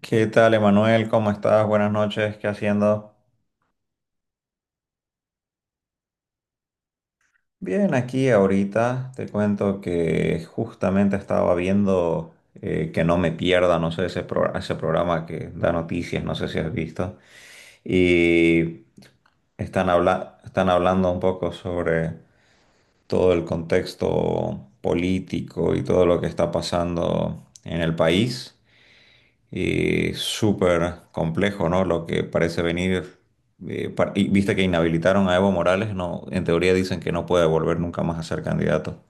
¿Qué tal, Emanuel? ¿Cómo estás? Buenas noches. ¿Qué haciendo? Bien, aquí ahorita te cuento que justamente estaba viendo que no me pierda, no sé, ese, ese programa que da noticias, no sé si has visto. Y están, están hablando un poco sobre todo el contexto político y todo lo que está pasando en el país. Y súper complejo, ¿no? Lo que parece venir. Y viste que inhabilitaron a Evo Morales, no, en teoría dicen que no puede volver nunca más a ser candidato.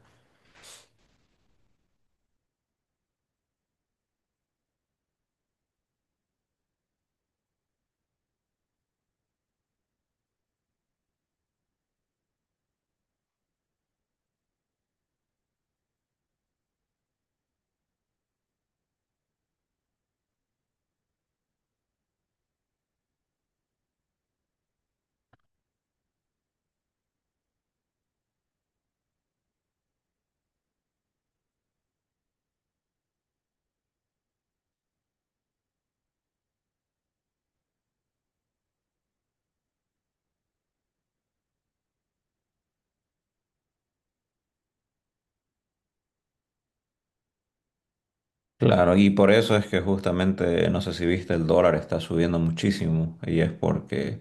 Claro, y por eso es que justamente, no sé si viste, el dólar está subiendo muchísimo y es porque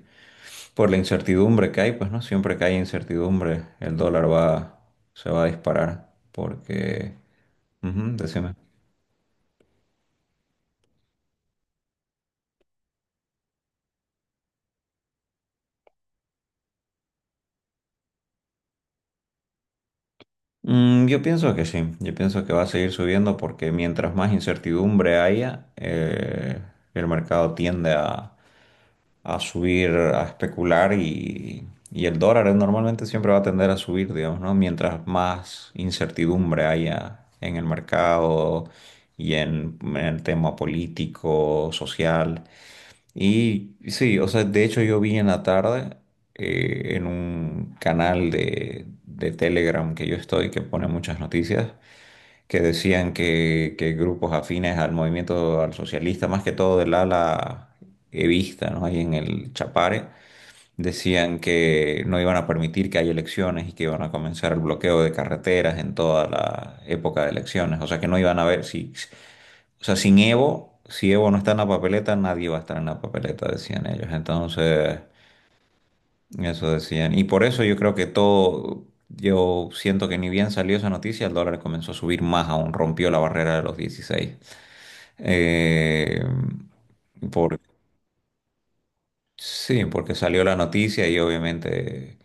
por la incertidumbre que hay, pues no, siempre que hay incertidumbre, el dólar va, se va a disparar porque, ujú, decime. Mm, yo pienso que sí, yo pienso que va a seguir subiendo porque mientras más incertidumbre haya, el mercado tiende a subir, a especular y el dólar normalmente siempre va a tender a subir, digamos, ¿no? Mientras más incertidumbre haya en el mercado y en el tema político, social. Y sí, o sea, de hecho yo vi en la tarde en un canal de Telegram que yo estoy, que pone muchas noticias, que decían que grupos afines al movimiento al socialista, más que todo del ala evista, ¿no? Ahí en el Chapare, decían que no iban a permitir que haya elecciones y que iban a comenzar el bloqueo de carreteras en toda la época de elecciones. O sea que no iban a ver si, o sea, sin Evo, si Evo no está en la papeleta, nadie va a estar en la papeleta, decían ellos. Entonces, eso decían. Y por eso yo creo que todo, yo siento que ni bien salió esa noticia, el dólar comenzó a subir más aún, rompió la barrera de los 16. Eh, por, sí, porque salió la noticia y obviamente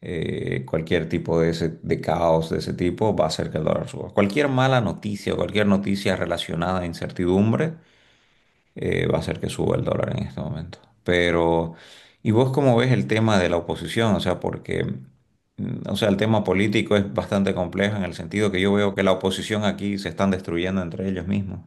cualquier tipo de, de caos de ese tipo va a hacer que el dólar suba. Cualquier mala noticia, cualquier noticia relacionada a incertidumbre, va a hacer que suba el dólar en este momento. Pero, ¿y vos cómo ves el tema de la oposición? O sea, porque, mm, o sea, el tema político es bastante complejo en el sentido que yo veo que la oposición aquí se están destruyendo entre ellos mismos.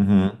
Ujú,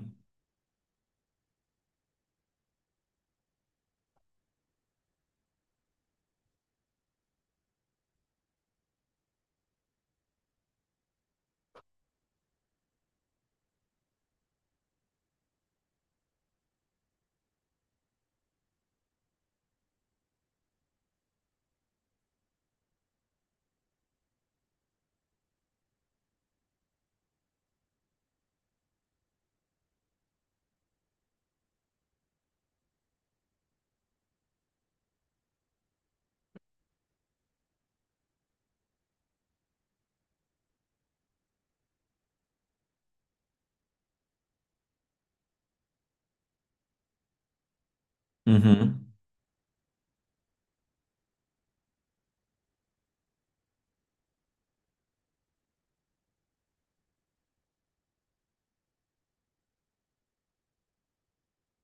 ujú.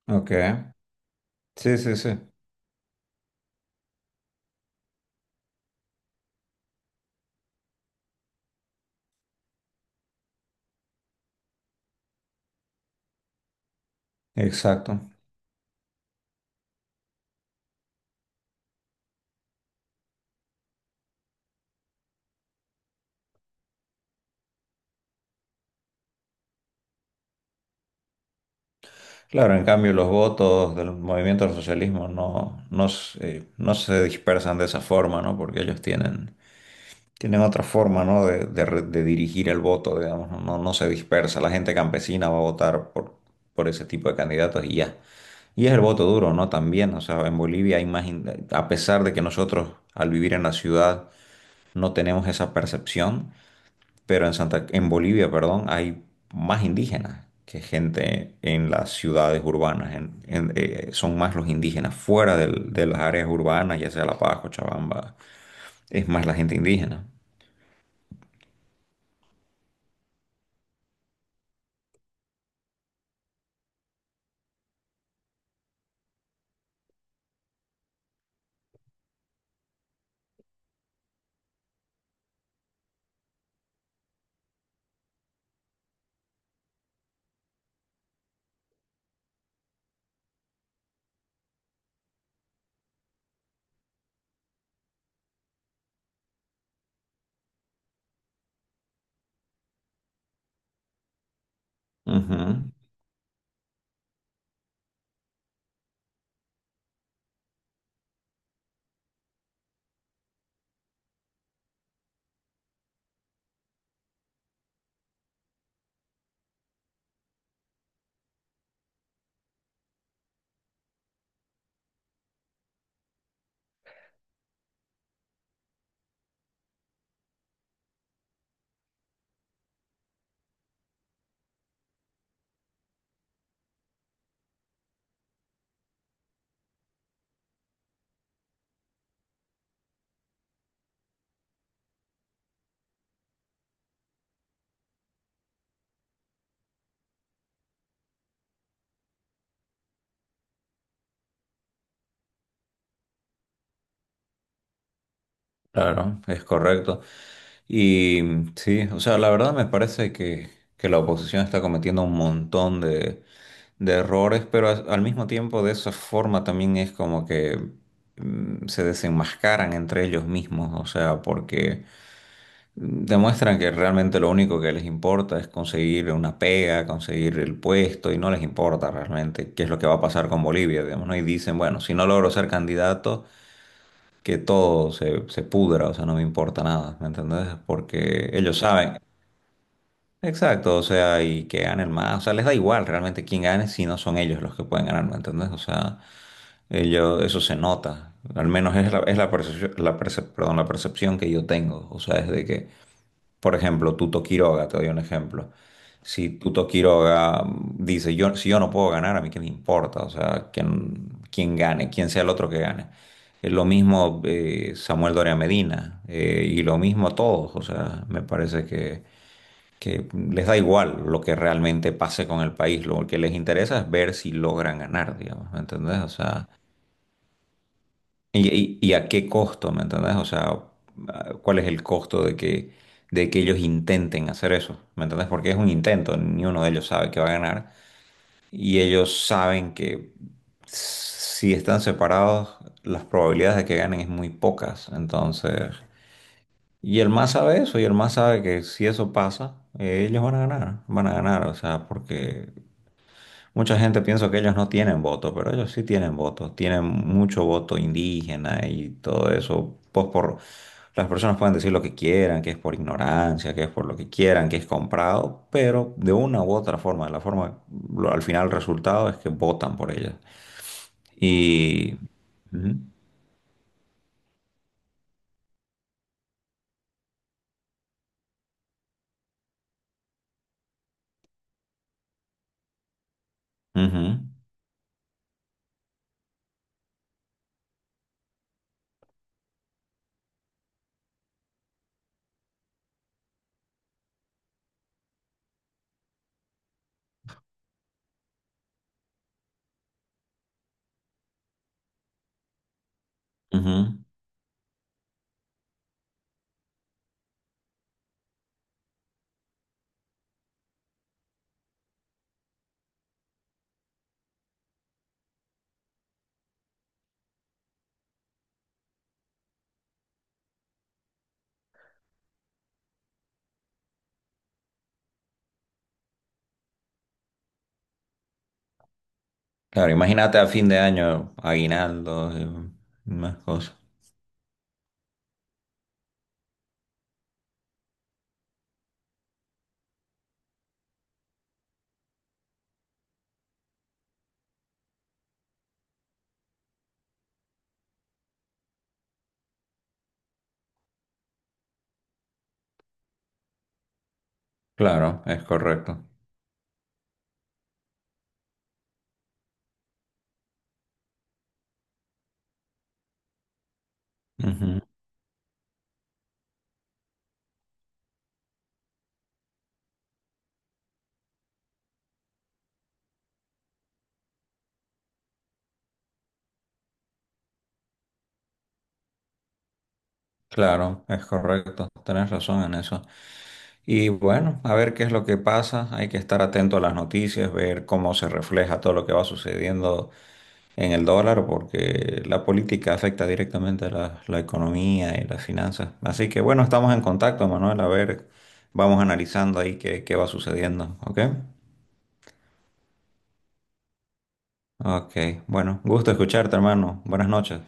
Ok. Sí, sí, sí. Exacto. Claro, en cambio los votos del movimiento del socialismo no, no, no se dispersan de esa forma, ¿no? Porque ellos tienen, tienen otra forma, ¿no? De, de dirigir el voto, digamos, ¿no? No, no se dispersa. La gente campesina va a votar por ese tipo de candidatos y ya. Y es el voto duro, ¿no? También, o sea, en Bolivia hay más, a pesar de que nosotros al vivir en la ciudad no tenemos esa percepción, pero en Santa, en Bolivia, perdón, hay más indígenas que gente en las ciudades urbanas. Son más los indígenas fuera de las áreas urbanas, ya sea La Paz, Cochabamba, es más la gente indígena. Ujú, claro, es correcto. Y sí, o sea, la verdad me parece que la oposición está cometiendo un montón de errores, pero al mismo tiempo de esa forma también es como que mm, se desenmascaran entre ellos mismos, o sea, porque demuestran que realmente lo único que les importa es conseguir una pega, conseguir el puesto y no les importa realmente qué es lo que va a pasar con Bolivia, digamos, ¿no? Y dicen, bueno, si no logro ser candidato, que todo se, se pudra, o sea, no me importa nada, ¿me entendés? Porque ellos saben, exacto, o sea, y que ganen más, o sea, les da igual realmente quién gane si no son ellos los que pueden ganar, ¿me entendés? O sea, ellos, eso se nota, al menos es la percepción, la perdón, la percepción que yo tengo, o sea, es de que... Por ejemplo, Tuto Quiroga, te doy un ejemplo. Si Tuto Quiroga mm, dice, yo, si yo no puedo ganar, a mí qué me importa, o sea, quién, quién gane, quién sea el otro que gane. Es lo mismo Samuel Doria Medina y lo mismo todos, o sea, me parece que les da igual lo que realmente pase con el país, lo que les interesa es ver si logran ganar, digamos, ¿me entendés? O sea, ¿y, y a qué costo, me entendés? O sea, ¿cuál es el costo de que ellos intenten hacer eso? ¿Me entendés? Porque es un intento, ni uno de ellos sabe que va a ganar. Y ellos saben que si están separados, las probabilidades de que ganen es muy pocas. Entonces, y el más sabe eso, y el más sabe que si eso pasa, ellos van a ganar, o sea, porque mucha gente piensa que ellos no tienen voto, pero ellos sí tienen voto, tienen mucho voto indígena y todo eso. Pues por las personas pueden decir lo que quieran, que es por ignorancia, que es por lo que quieran, que es comprado, pero de una u otra forma, de la forma, al final el resultado es que votan por ellas. Y ujú, ujú, ujú. Claro, imagínate a fin de año aguinaldos y más cosas. Claro, es correcto. Ujú, claro, es correcto. Tenés razón en eso. Y bueno, a ver qué es lo que pasa. Hay que estar atento a las noticias, ver cómo se refleja todo lo que va sucediendo en el dólar, porque la política afecta directamente a la, la economía y las finanzas. Así que bueno, estamos en contacto, Manuel. A ver, vamos analizando ahí qué, qué va sucediendo. ¿Ok? Ok. Bueno, gusto escucharte, hermano. Buenas noches.